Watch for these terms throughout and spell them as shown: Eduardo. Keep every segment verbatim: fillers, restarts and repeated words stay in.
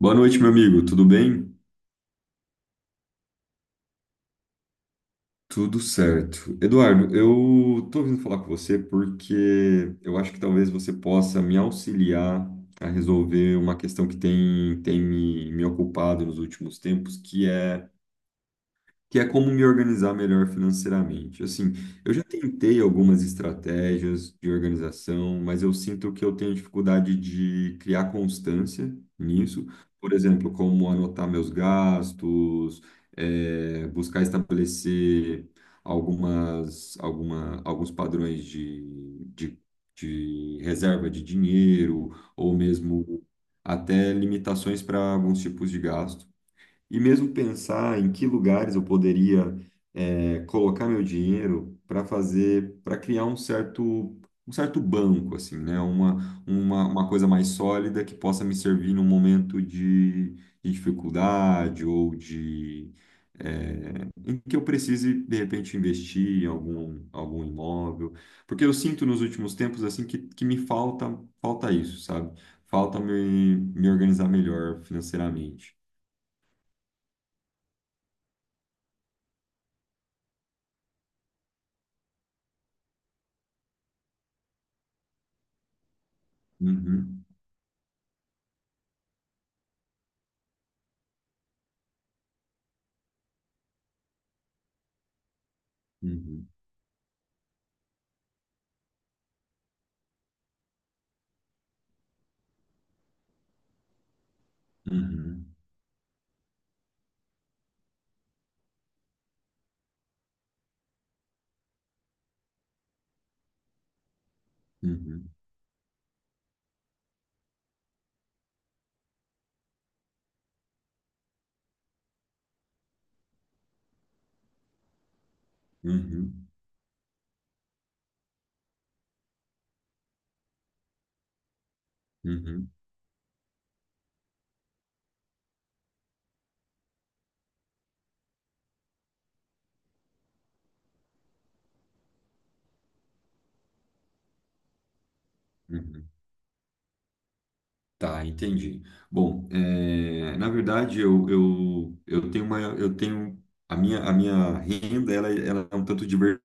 Boa noite, meu amigo. Tudo bem? Tudo certo. Eduardo, eu tô vindo falar com você porque eu acho que talvez você possa me auxiliar a resolver uma questão que tem, tem me, me ocupado nos últimos tempos, que é que é como me organizar melhor financeiramente. Assim, eu já tentei algumas estratégias de organização, mas eu sinto que eu tenho dificuldade de criar constância nisso. Por exemplo, como anotar meus gastos, eh, buscar estabelecer algumas, alguma, alguns padrões de, de, de reserva de dinheiro, ou mesmo até limitações para alguns tipos de gasto. E mesmo pensar em que lugares eu poderia eh, colocar meu dinheiro para fazer, para criar um certo, um certo banco, assim, né? Uma, uma, uma coisa mais sólida que possa me servir num momento de, de dificuldade ou de, eh, em que eu precise, de repente, investir em algum, algum imóvel. Porque eu sinto nos últimos tempos, assim, que, que me falta, falta isso, sabe? Falta me, me organizar melhor financeiramente. Uhum. Uhum, uhum, uhum, uhum, uhum, uhum. Tá, entendi. Bom, é, na verdade eu, eu, eu tenho uma eu tenho a minha a minha renda ela, ela é um tanto diversificada,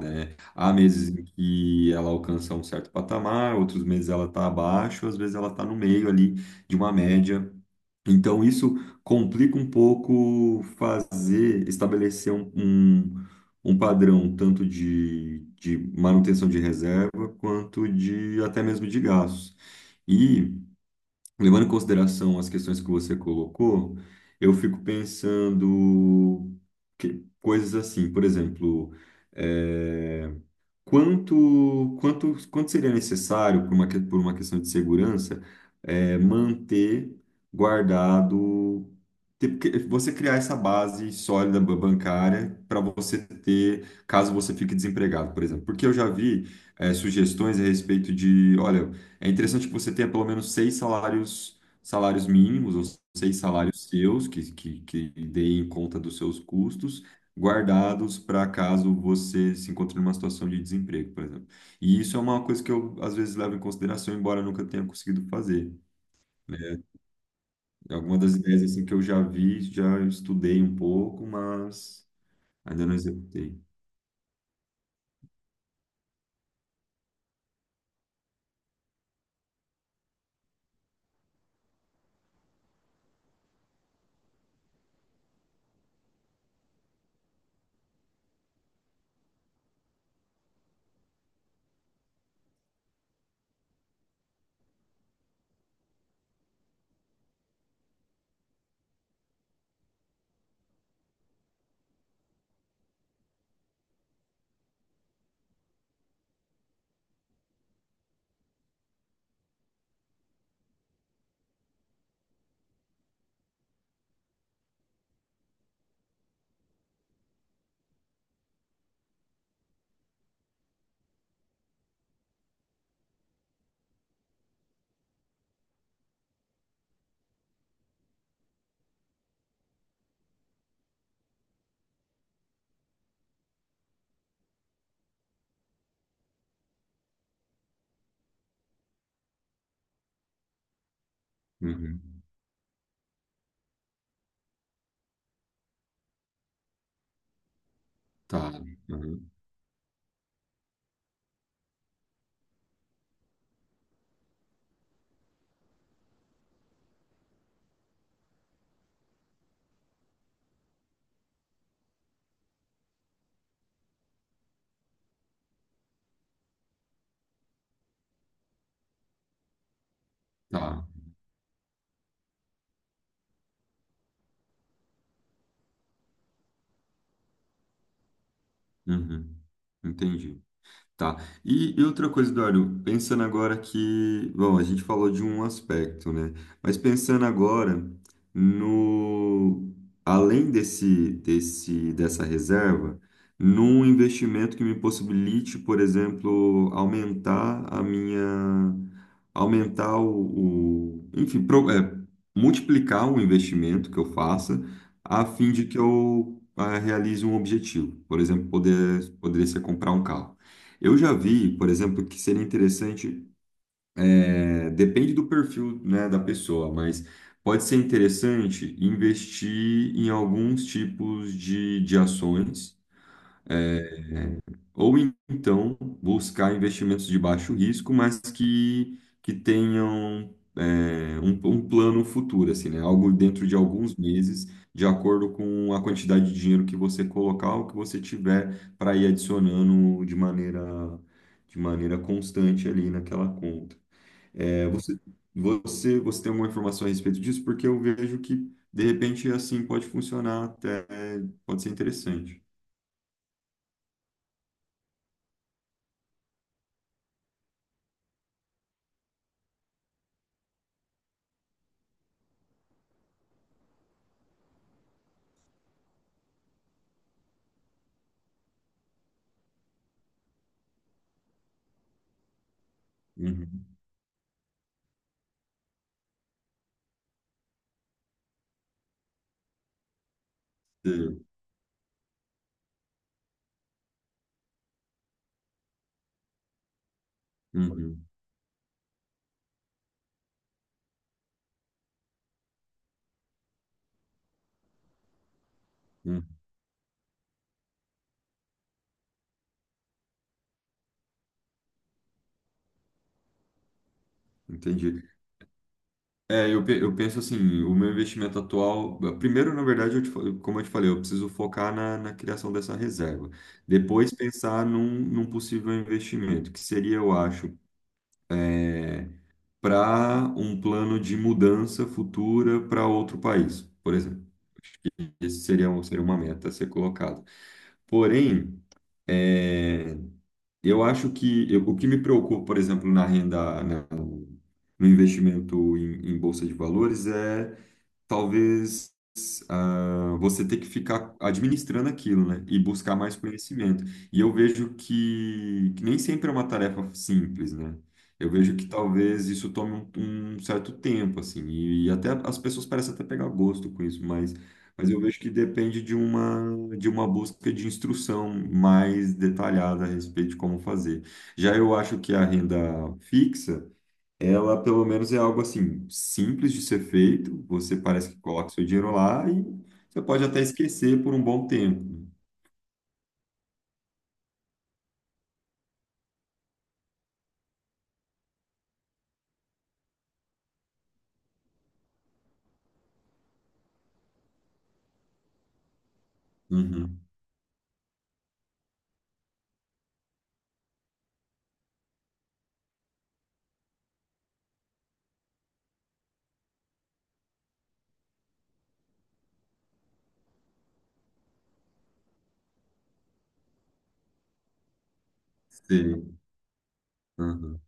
né? Há meses em que ela alcança um certo patamar, outros meses ela está abaixo, às vezes ela está no meio ali de uma média. Então, isso complica um pouco fazer, estabelecer um, um, um padrão tanto de, de manutenção de reserva quanto de até mesmo de gastos. E, levando em consideração as questões que você colocou, eu fico pensando que, coisas assim, por exemplo, eh, quanto, quanto, quanto seria necessário, por uma, que- por uma questão de segurança, é, manter guardado, ter- porque você criar essa base sólida ba- bancária para você ter, caso você fique desempregado, por exemplo? Porque eu já vi, é, sugestões a respeito de, olha, é interessante que você tenha pelo menos seis salários, salários mínimos, ou seis salários seus, que, que, que deem conta dos seus custos guardados para caso você se encontre numa situação de desemprego, por exemplo. E isso é uma coisa que eu às vezes levo em consideração, embora eu nunca tenha conseguido fazer, né? Alguma das ideias assim que eu já vi, já estudei um pouco, mas ainda não executei. Uhum. Tá, uhum. Tá. Uhum. Entendi. Tá. E, e outra coisa, Eduardo, pensando agora que, bom, a gente falou de um aspecto, né? Mas pensando agora no, além desse, desse, dessa reserva, num investimento que me possibilite, por exemplo, aumentar a minha, aumentar o, o- enfim, pro- é, multiplicar o investimento que eu faça a fim de que eu ah, realize um objetivo. Por exemplo, poder, poderia ser comprar um carro. Eu já vi, por exemplo, que seria interessante, é, depende do perfil, né, da pessoa, mas pode ser interessante investir em alguns tipos de, de ações. Ou então buscar investimentos de baixo risco, mas que, que tenham é, um, um plano futuro, assim, né? Algo dentro de alguns meses, de acordo com a quantidade de dinheiro que você colocar, o que você tiver para ir adicionando de maneira, de maneira constante ali naquela conta. É, você, você, você tem alguma informação a respeito disso? Porque eu vejo que, de repente, assim pode funcionar até, pode ser interessante. Uhum. Sei. Uhum. Uhum. Entendi. É, eu, pe- eu penso assim, o meu investimento atual, primeiro, na verdade, eu te fa- como eu te falei, eu preciso focar na, na criação dessa reserva. Depois pensar num, num possível investimento, que seria, eu acho, para um plano de mudança futura para outro país, por exemplo. Acho que esse seria, um- seria uma meta a ser colocada. Porém, é, eu acho que eu- o que me preocupa, por exemplo, na renda, na- no investimento em, em bolsa de valores é talvez ah, você ter que ficar administrando aquilo, né? E buscar mais conhecimento. E eu vejo que, que nem sempre é uma tarefa simples, né? Eu vejo que talvez isso tome um, um certo tempo, assim, e, e até as pessoas parecem até pegar gosto com isso, mas, mas eu vejo que depende de uma, de uma busca de instrução mais detalhada a respeito de como fazer. Já eu acho que a renda fixa ela, pelo menos, é algo assim, simples de ser feito. Você parece que coloca seu dinheiro lá e você pode até esquecer por um bom tempo. Uhum. Sim. Uhum.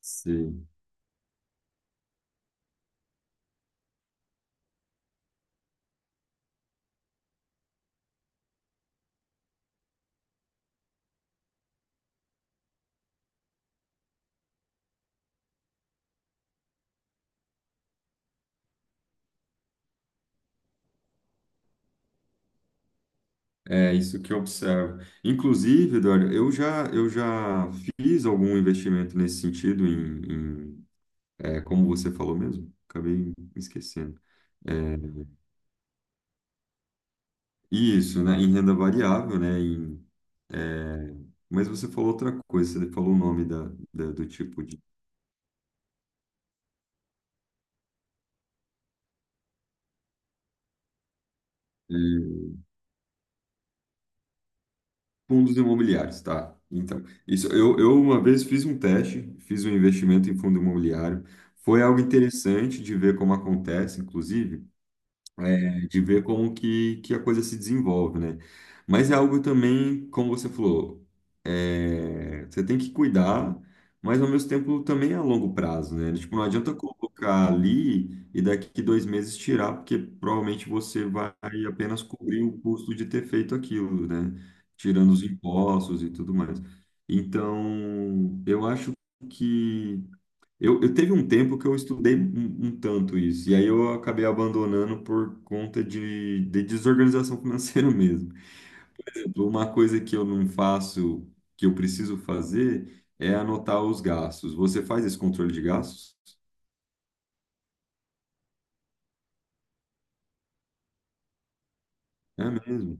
Sei. É isso que eu observo. Inclusive, Eduardo, eu já, eu já fiz algum investimento nesse sentido em, em, é, como você falou mesmo? Acabei me esquecendo. É, isso, né? Em renda variável, né? Em, é, mas você falou outra coisa, você falou o nome da, da- do tipo de. É, fundos imobiliários, tá? Então, isso eu, eu uma vez fiz um teste, fiz um investimento em fundo imobiliário. Foi algo interessante de ver como acontece, inclusive é, de ver como que, que a coisa se desenvolve, né? Mas é algo também, como você falou, é, você tem que cuidar, mas ao mesmo tempo também é a longo prazo, né? Tipo, não adianta colocar ali e daqui dois meses tirar, porque provavelmente você vai apenas cobrir o custo de ter feito aquilo, né? Tirando os impostos e tudo mais. Então, eu acho que eu, eu teve um tempo que eu estudei um, um tanto isso, e aí eu acabei abandonando por conta de, de desorganização financeira mesmo. Então, uma coisa que eu não faço, que eu preciso fazer, é anotar os gastos. Você faz esse controle de gastos? É mesmo?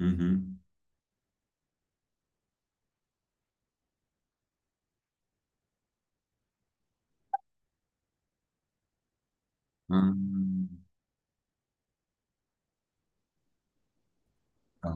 Uhum. Ah, tá.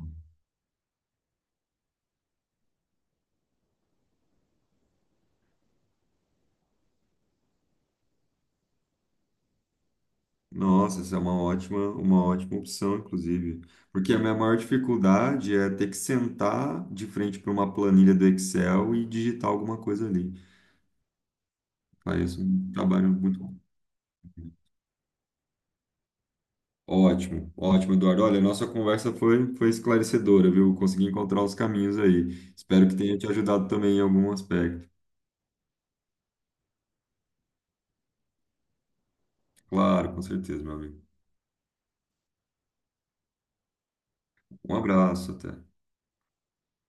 Nossa, essa é uma ótima, uma ótima opção, inclusive. Porque a minha maior dificuldade é ter que sentar de frente para uma planilha do Excel e digitar alguma coisa ali. Faz um trabalho muito bom. Ótimo, ótimo, Eduardo. Olha, a nossa conversa foi, foi esclarecedora, viu? Consegui encontrar os caminhos aí. Espero que tenha te ajudado também em algum aspecto. Claro, com certeza, meu amigo. Um abraço, até.